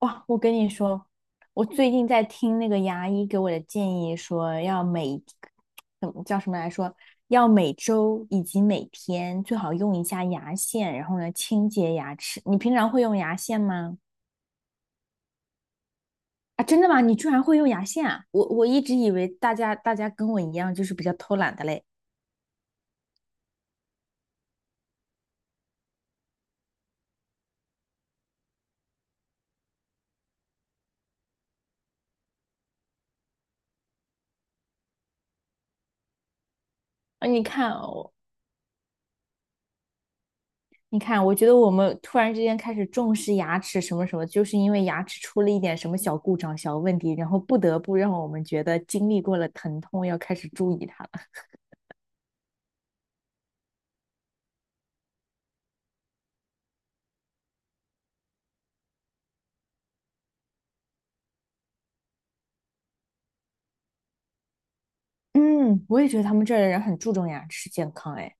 哇，我跟你说，我最近在听那个牙医给我的建议，说要每，怎么叫什么来说，要每周以及每天最好用一下牙线，然后呢清洁牙齿。你平常会用牙线吗？啊，真的吗？你居然会用牙线啊？我一直以为大家跟我一样，就是比较偷懒的嘞。啊，你看哦，你看，我觉得我们突然之间开始重视牙齿什么什么，就是因为牙齿出了一点什么小故障、小问题，然后不得不让我们觉得经历过了疼痛，要开始注意它了。嗯，我也觉得他们这儿的人很注重牙齿健康。哎，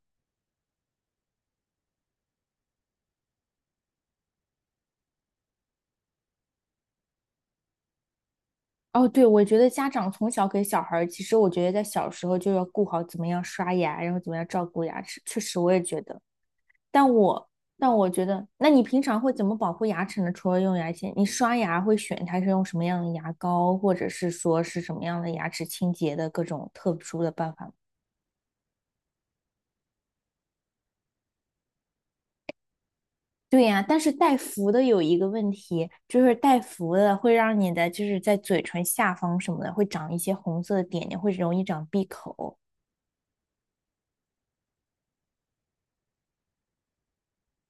哦，对，我觉得家长从小给小孩儿，其实我觉得在小时候就要顾好怎么样刷牙，然后怎么样照顾牙齿。确实，我也觉得。但我但我觉得，那你平常会怎么保护牙齿呢？除了用牙线，你刷牙会选它是用什么样的牙膏，或者是说是什么样的牙齿清洁的各种特殊的办法吗？对呀，但是带氟的有一个问题，就是带氟的会让你的就是在嘴唇下方什么的会长一些红色的点点，会容易长闭口。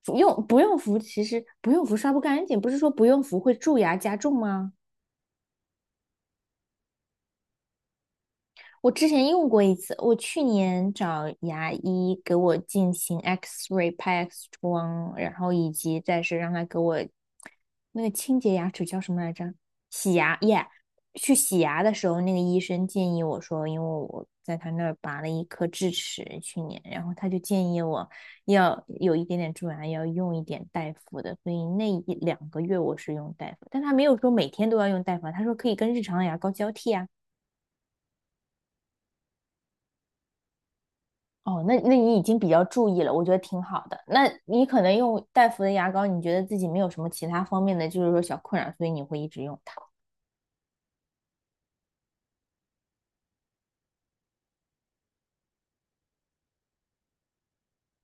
不用氟，其实不用氟刷不干净，不是说不用氟会蛀牙加重吗？我之前用过一次，我去年找牙医给我进行 X-ray 拍 X 光，然后以及再是让他给我那个清洁牙齿叫什么来着？洗牙耶去洗牙的时候，那个医生建议我说，因为我在他那儿拔了一颗智齿，去年，然后他就建议我要有一点点蛀牙，要用一点大夫的，所以那一两个月我是用大夫，但他没有说每天都要用大夫啊他说可以跟日常牙膏交替啊。哦，那你已经比较注意了，我觉得挺好的。那你可能用戴芙的牙膏，你觉得自己没有什么其他方面的，就是说小困扰，所以你会一直用它。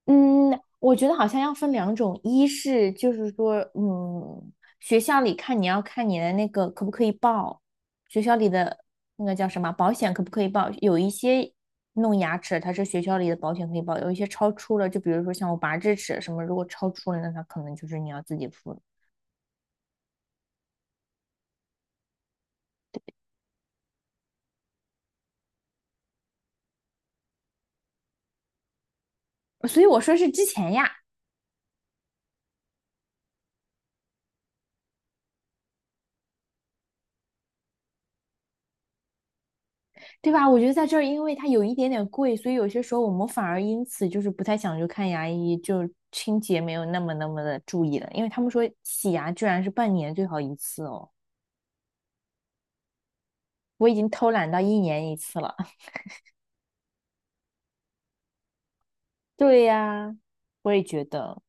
嗯，我觉得好像要分两种，一是就是说，嗯，学校里看你要看你的那个可不可以报，学校里的那个叫什么保险可不可以报？有一些弄牙齿它是学校里的保险可以报，有一些超出了，就比如说像我拔智齿什么，如果超出了，那它可能就是你要自己付的。所以我说是之前呀。对吧？我觉得在这儿，因为它有一点点贵，所以有些时候我们反而因此就是不太想去看牙医，就清洁没有那么的注意了。因为他们说洗牙居然是半年最好一次哦，我已经偷懒到一年一次了。对呀，我也觉得。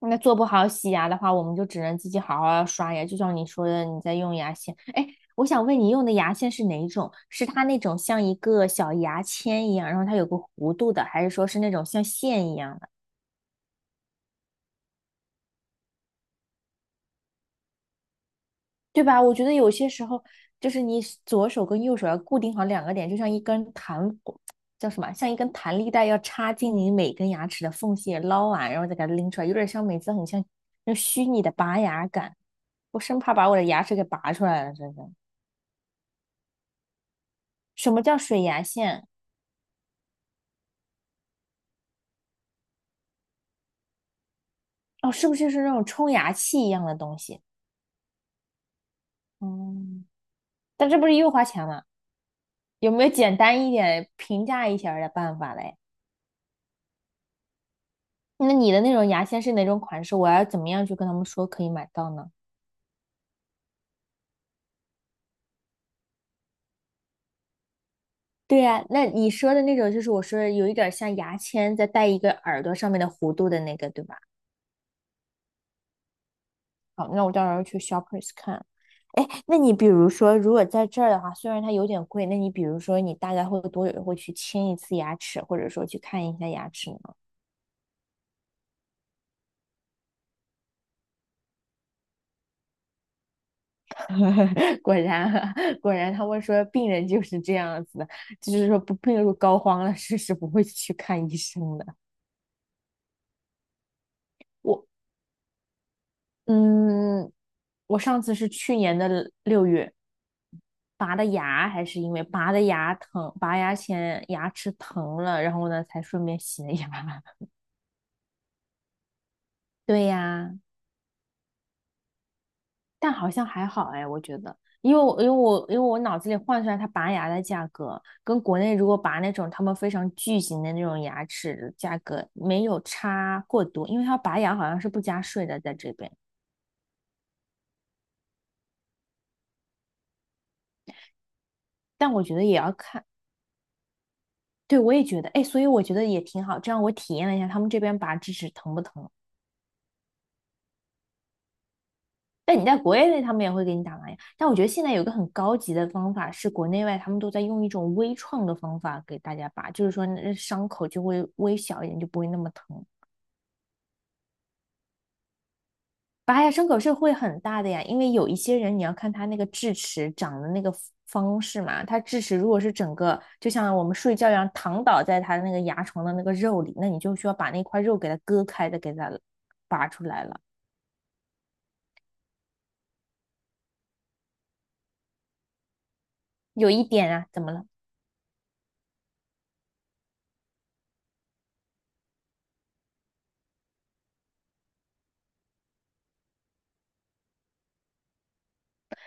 那做不好洗牙的话，我们就只能自己好好地刷牙。就像你说的，你在用牙线。哎，我想问你用的牙线是哪种？是它那种像一个小牙签一样，然后它有个弧度的，还是说是那种像线一样？对吧？我觉得有些时候就是你左手跟右手要固定好两个点，就像一根弹叫什么，像一根弹力带要插进你每根牙齿的缝隙捞完，然后再给它拎出来，有点像每次很像那虚拟的拔牙感。我生怕把我的牙齿给拔出来了，真的。什么叫水牙线？哦，是不是就是那种冲牙器一样的东西？嗯，但这不是又花钱吗？有没有简单一点平价一些儿的办法嘞？那你的那种牙线是哪种款式？我要怎么样去跟他们说可以买到呢？对呀，那你说的那种就是我说的有一点儿像牙签，再带一个耳朵上面的弧度的那个，对吧？好，那我到时候去 Shoppers 看。哎，那你比如说，如果在这儿的话，虽然它有点贵，那你比如说，你大概会多久会去清一次牙齿，或者说去看一下牙齿呢？果然啊，果然，他们说病人就是这样子的，就是说不病入膏肓了，不会去看医生的。我嗯，我上次是去年的6月，拔的牙，还是因为拔的牙疼，拔牙前牙齿疼了，然后呢才顺便洗了一牙。对呀，但好像还好哎，我觉得，因为我脑子里换算它拔牙的价格，跟国内如果拔那种他们非常巨型的那种牙齿的价格没有差过多，因为它拔牙好像是不加税的在这边，但我觉得也要看。对，我也觉得，哎，所以我觉得也挺好，这样我体验了一下他们这边拔智齿疼不疼。但你在国内他们也会给你打麻药，但我觉得现在有一个很高级的方法是，国内外他们都在用一种微创的方法给大家拔，就是说那伤口就会微小一点，就不会那么疼。拔牙伤口是会很大的呀，因为有一些人你要看他那个智齿长的那个方式嘛，他智齿如果是整个就像我们睡觉一样躺倒在他那个牙床的那个肉里，那你就需要把那块肉给它割开的，给它拔出来了。有一点啊，怎么了？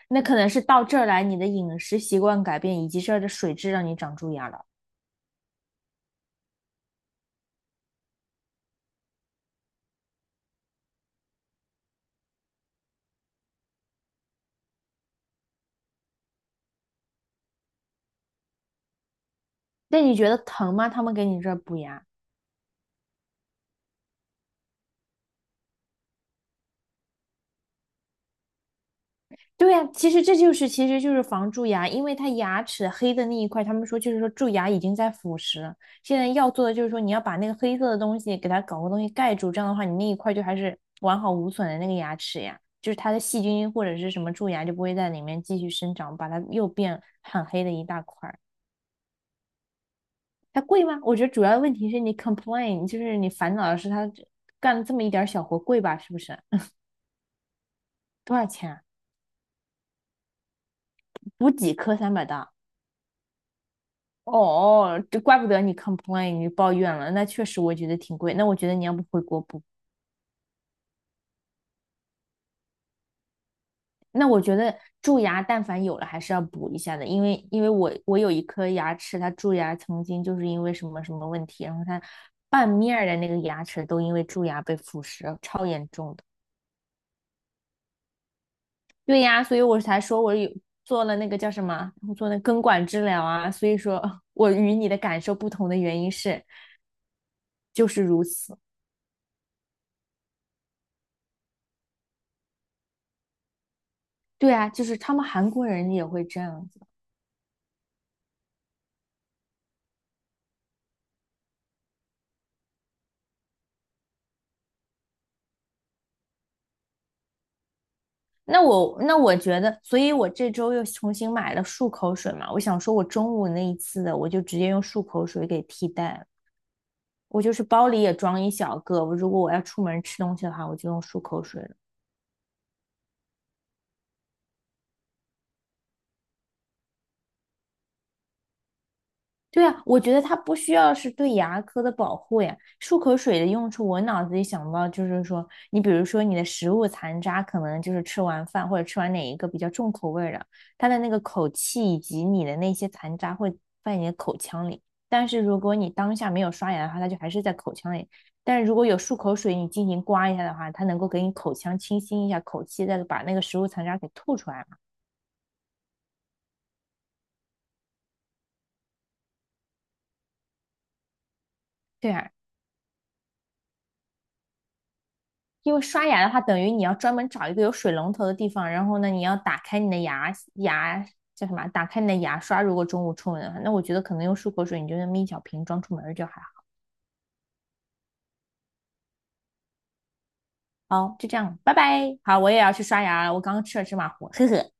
那可能是到这儿来，你的饮食习惯改变，以及这儿的水质让你长蛀牙了。那你觉得疼吗？他们给你这儿补牙。对呀、啊其实就是防蛀牙，因为它牙齿黑的那一块，他们说就是说蛀牙已经在腐蚀了。现在要做的就是说你要把那个黑色的东西给它搞个东西盖住，这样的话你那一块就还是完好无损的那个牙齿呀，就是它的细菌或者是什么蛀牙就不会在里面继续生长，把它又变很黑的一大块。它贵吗？我觉得主要的问题是你 complain，就是你烦恼的是它这干这么一点小活贵吧？是不是？多少钱啊？补几颗300大？哦哦，这怪不得你 complain，你抱怨了。那确实，我觉得挺贵。那我觉得你要不回国补？那我觉得蛀牙，但凡有了还是要补一下的，因为我有一颗牙齿，它蛀牙曾经就是因为什么什么问题，然后它半面儿的那个牙齿都因为蛀牙被腐蚀，超严重的。对呀，所以我才说我有做了那个叫什么，我做那根管治疗啊。所以说 我与你的感受不同的原因是，就是如此。对啊，就是他们韩国人也会这样子。那我觉得，所以我这周又重新买了漱口水嘛。我想说，我中午那一次的，我就直接用漱口水给替代了。我就是包里也装一小个，我如果我要出门吃东西的话，我就用漱口水了。对啊，我觉得它不需要是对牙科的保护呀。漱口水的用处，我脑子里想到就是说，你比如说你的食物残渣，可能就是吃完饭或者吃完哪一个比较重口味儿的，它的那个口气以及你的那些残渣会在你的口腔里。但是如果你当下没有刷牙的话，它就还是在口腔里。但是如果有漱口水，你进行刮一下的话，它能够给你口腔清新一下口气，再把那个食物残渣给吐出来嘛。对啊，因为刷牙的话，等于你要专门找一个有水龙头的地方，然后呢，你要打开你的牙叫什么？打开你的牙刷。如果中午出门的话，那我觉得可能用漱口水，你就那么一小瓶装出门就还好。好，就这样，拜拜。好，我也要去刷牙了，我刚刚吃了芝麻糊，呵呵。